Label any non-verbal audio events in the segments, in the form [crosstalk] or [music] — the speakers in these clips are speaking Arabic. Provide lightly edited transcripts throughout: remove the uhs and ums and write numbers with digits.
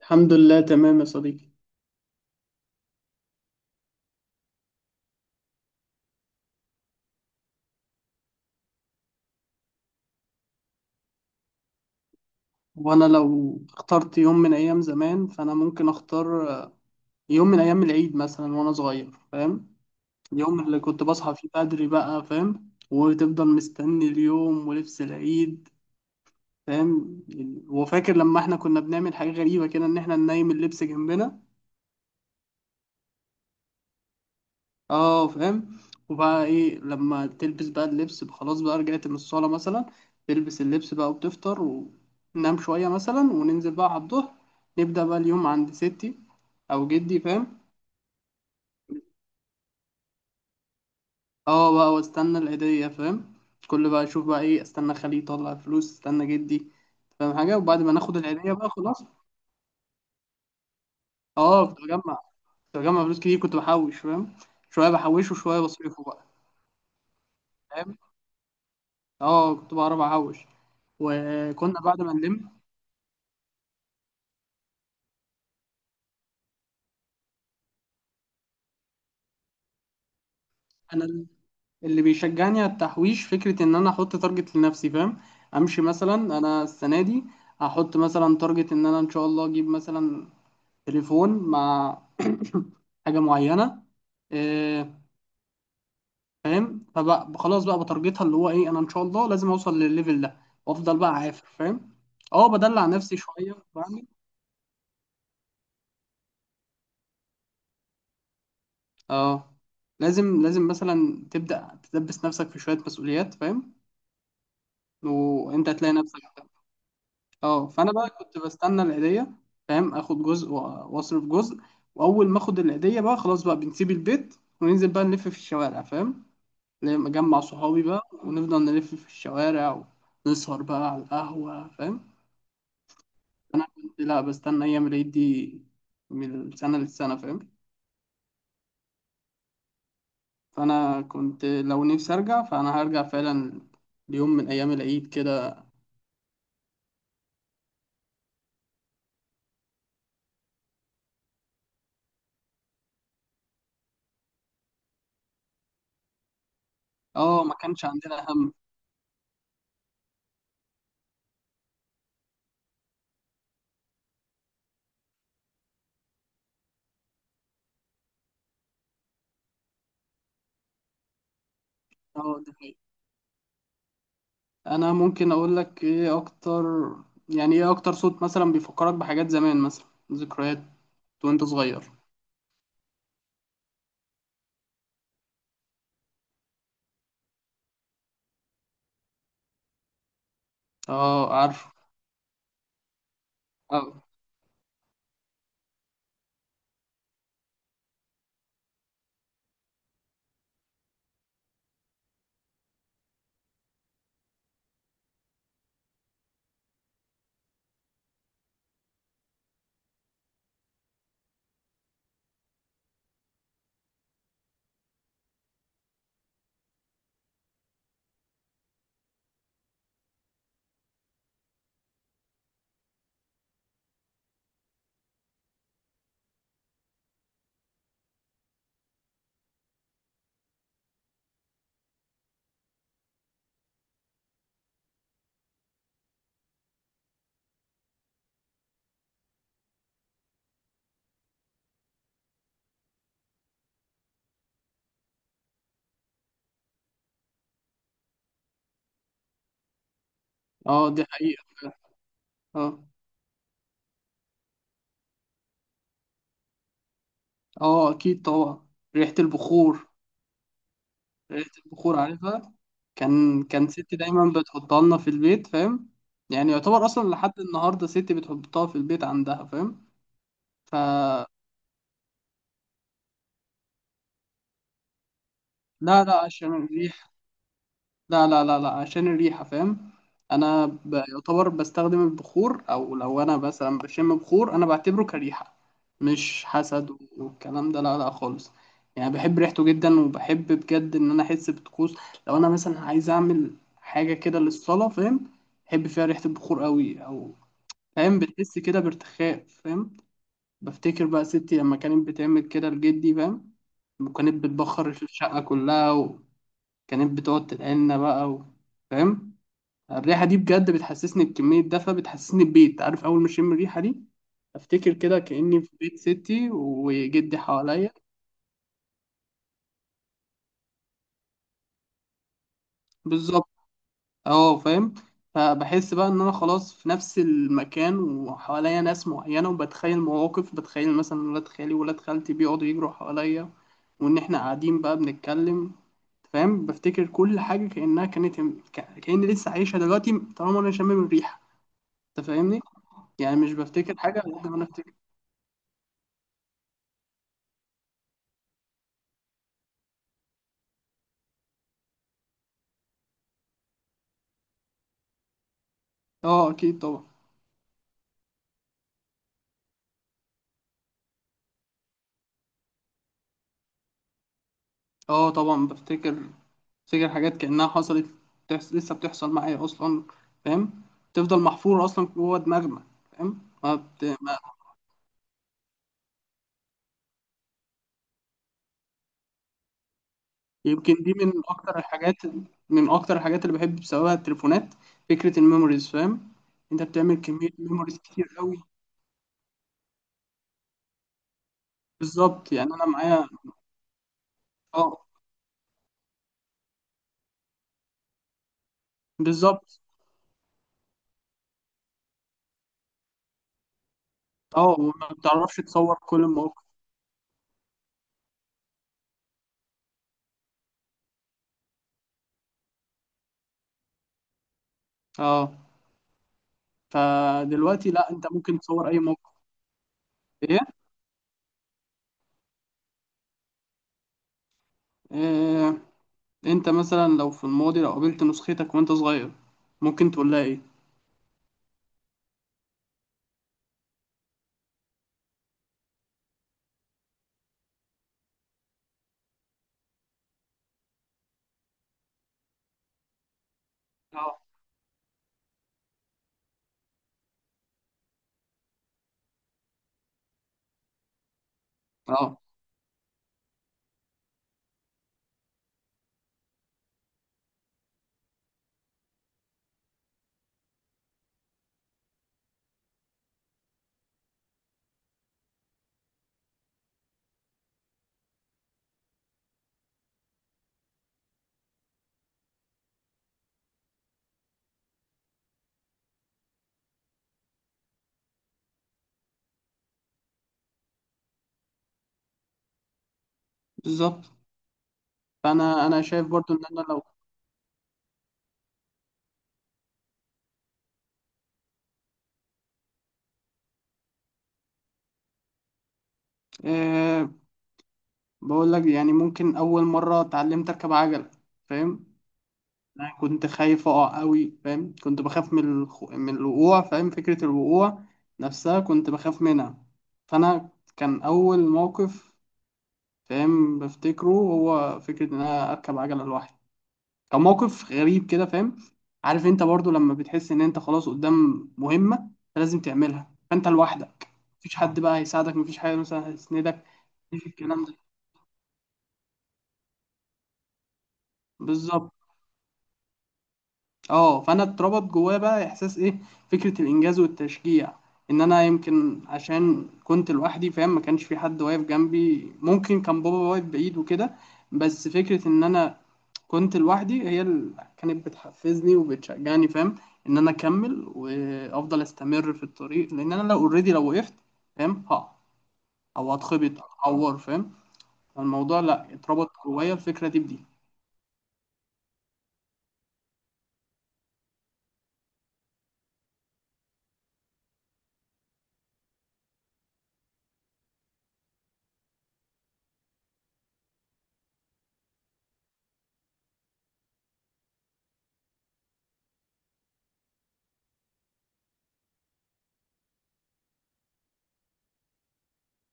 الحمد لله، تمام يا صديقي. وانا لو اخترت يوم من ايام زمان فانا ممكن اختار يوم من ايام العيد مثلا وانا صغير. فاهم؟ اليوم اللي كنت بصحى فيه بدري بقى، فاهم، وتفضل مستني اليوم ولبس العيد. فاهم؟ وفاكر لما احنا كنا بنعمل حاجة غريبة كده ان احنا ننيم اللبس جنبنا. اه فاهم. وبقى ايه لما تلبس بقى اللبس خلاص، بقى رجعت من الصالة مثلا، تلبس اللبس بقى وتفطر وننام شوية مثلا، وننزل بقى على الظهر نبدأ بقى اليوم عند ستي أو جدي. فاهم؟ اه، بقى واستنى العيدية. فاهم؟ كل بقى اشوف بقى ايه، استنى خالي يطلع فلوس، استنى جدي. فاهم؟ حاجة، وبعد ما ناخد العيدية بقى خلاص. اه كنت بجمع فلوس كتير، كنت بحوش. فاهم؟ شوية بحوشه وشوية بصرفه بقى. فاهم؟ اه كنت بعرف احوش. وكنا بعد ما نلم، انا اللي بيشجعني على التحويش فكرة إن أنا أحط تارجت لنفسي. فاهم؟ أمشي مثلا، أنا السنة دي هحط مثلا تارجت إن أنا إن شاء الله أجيب مثلا تليفون مع [coughs] حاجة معينة. آه، فاهم؟ فبقى خلاص بقى بتارجتها اللي هو إيه، أنا إن شاء الله لازم أوصل للليفل ده، وأفضل بقى عافر. فاهم؟ أه، بدلع نفسي شوية بعمل. أه، لازم مثلا تبدأ تدبس نفسك في شوية مسؤوليات. فاهم؟ وأنت هتلاقي نفسك. اه، فانا بقى كنت بستنى العيديه، فاهم، اخد جزء واصرف جزء. واول ما اخد العيديه بقى خلاص، بقى بنسيب البيت وننزل بقى نلف في الشوارع. فاهم؟ لما اجمع صحابي بقى ونفضل نلف في الشوارع، ونسهر بقى على القهوه. فاهم؟ انا كنت لا بستنى ايام العيد دي من السنه للسنه. فاهم؟ فانا كنت لو نفسي ارجع فانا هرجع فعلا ليوم من ايام العيد كده. اه ما كانش عندنا هم. اه ده انا ممكن اقول لك ايه اكتر، يعني ايه اكتر صوت مثلا بيفكرك بحاجات زمان مثلا، ذكريات وانت صغير. اه عارف. اه. اه دي حقيقة. اه. اه اكيد طبعا، ريحة البخور. ريحة البخور عارفها. كان ستي دايما بتحطها لنا في البيت. فاهم؟ يعني يعتبر اصلا لحد النهارده ستي بتحطها في البيت عندها. فاهم؟ ف لا لا، عشان الريحة. لا لا لا لا، عشان الريحة. فاهم؟ أنا يعتبر بستخدم البخور، أو لو أنا مثلا بشم بخور أنا بعتبره كريحة، مش حسد. والكلام ده لا لا خالص. يعني بحب ريحته جدا، وبحب بجد إن أنا أحس بطقوس لو أنا مثلا عايز أعمل حاجة كده للصلاة. فاهم؟ بحب فيها ريحة البخور قوي. أو فاهم، بتحس كده بارتخاء. فاهم؟ بفتكر بقى ستي لما كانت بتعمل كده لجدي. فاهم؟ وكانت بتبخر الشقة كلها، كانت بتقعد تدقلنا بقى فاهم. الريحة دي بجد بتحسسني بكمية دفى، بتحسسني ببيت، عارف. أول ما أشم الريحة دي أفتكر كده كأني في بيت ستي وجدي حواليا. بالظبط. أه فاهم. فبحس بقى إن أنا خلاص في نفس المكان، وحواليا ناس معينة، وبتخيل مواقف، بتخيل مثلا ولاد خالي وولاد خالتي بيقعدوا يجروا حواليا، وإن إحنا قاعدين بقى بنتكلم. فاهم؟ بفتكر كل حاجة كأنها كانت، كأني لسه عايشها دلوقتي طالما أنا شامم الريحة. أنت فاهمني؟ يعني مش بفتكر حاجة لحد ما انا افتكر. اه اكيد طبعا. اه طبعا بفتكر حاجات كأنها حصلت. لسه بتحصل معايا اصلا. فاهم؟ تفضل محفورة اصلا جوه دماغنا. فاهم؟ ما بت... ما... يمكن دي من اكتر الحاجات، اللي بحب بسببها التليفونات، فكرة الميموريز. فاهم؟ انت بتعمل كمية ميموريز كتير قوي. بالظبط. يعني انا معايا. اه. بالظبط. اه وما بتعرفش تصور كل المواقف. اه، فدلوقتي لا، انت ممكن تصور اي موقف. ايه؟ آه، انت مثلا لو في الماضي لو قابلت نسختك وانت صغير، ممكن تقول لها ايه؟ اه. اه بالظبط. فانا انا شايف برضو ان انا لو. آه. بقول لك، يعني ممكن اول مره اتعلمت اركب عجله. فاهم؟ انا كنت خايف اقع قوي. فاهم؟ كنت بخاف من من الوقوع. فاهم؟ فكره الوقوع نفسها كنت بخاف منها. فانا كان اول موقف. فاهم؟ بفتكره هو فكره ان انا اركب عجله لوحدي. كان موقف غريب كده. فاهم؟ عارف انت برضو لما بتحس ان انت خلاص قدام مهمة انت لازم تعملها، فانت لوحدك، مفيش حد بقى هيساعدك، مفيش حاجة مثلا هيسندك، مفيش الكلام ده. بالظبط. اه، فانا اتربط جوايا بقى احساس ايه، فكره الانجاز والتشجيع. ان انا يمكن عشان كنت لوحدي، فاهم، ما كانش في حد واقف جنبي، ممكن كان بابا واقف بعيد وكده. بس فكره ان انا كنت لوحدي هي اللي كانت بتحفزني وبتشجعني. فاهم؟ ان انا اكمل وافضل استمر في الطريق، لان انا لو اوريدي، لو وقفت، فاهم، ها، او اتخبط او اتعور. فاهم؟ الموضوع لا، اتربط جوايا الفكره دي بدي.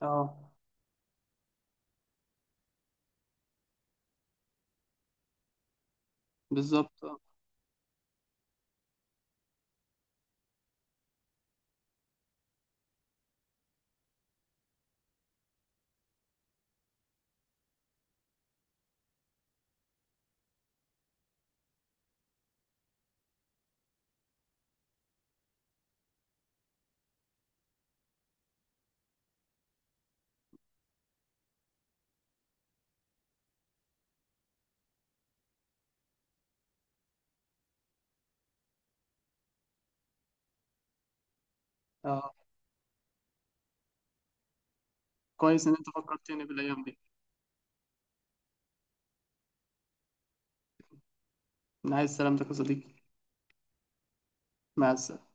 اه بالظبط. اه. آه. كويس ان انت فكرتني بالايام دي. من عايز سلامتك يا صديقي. مع السلامة.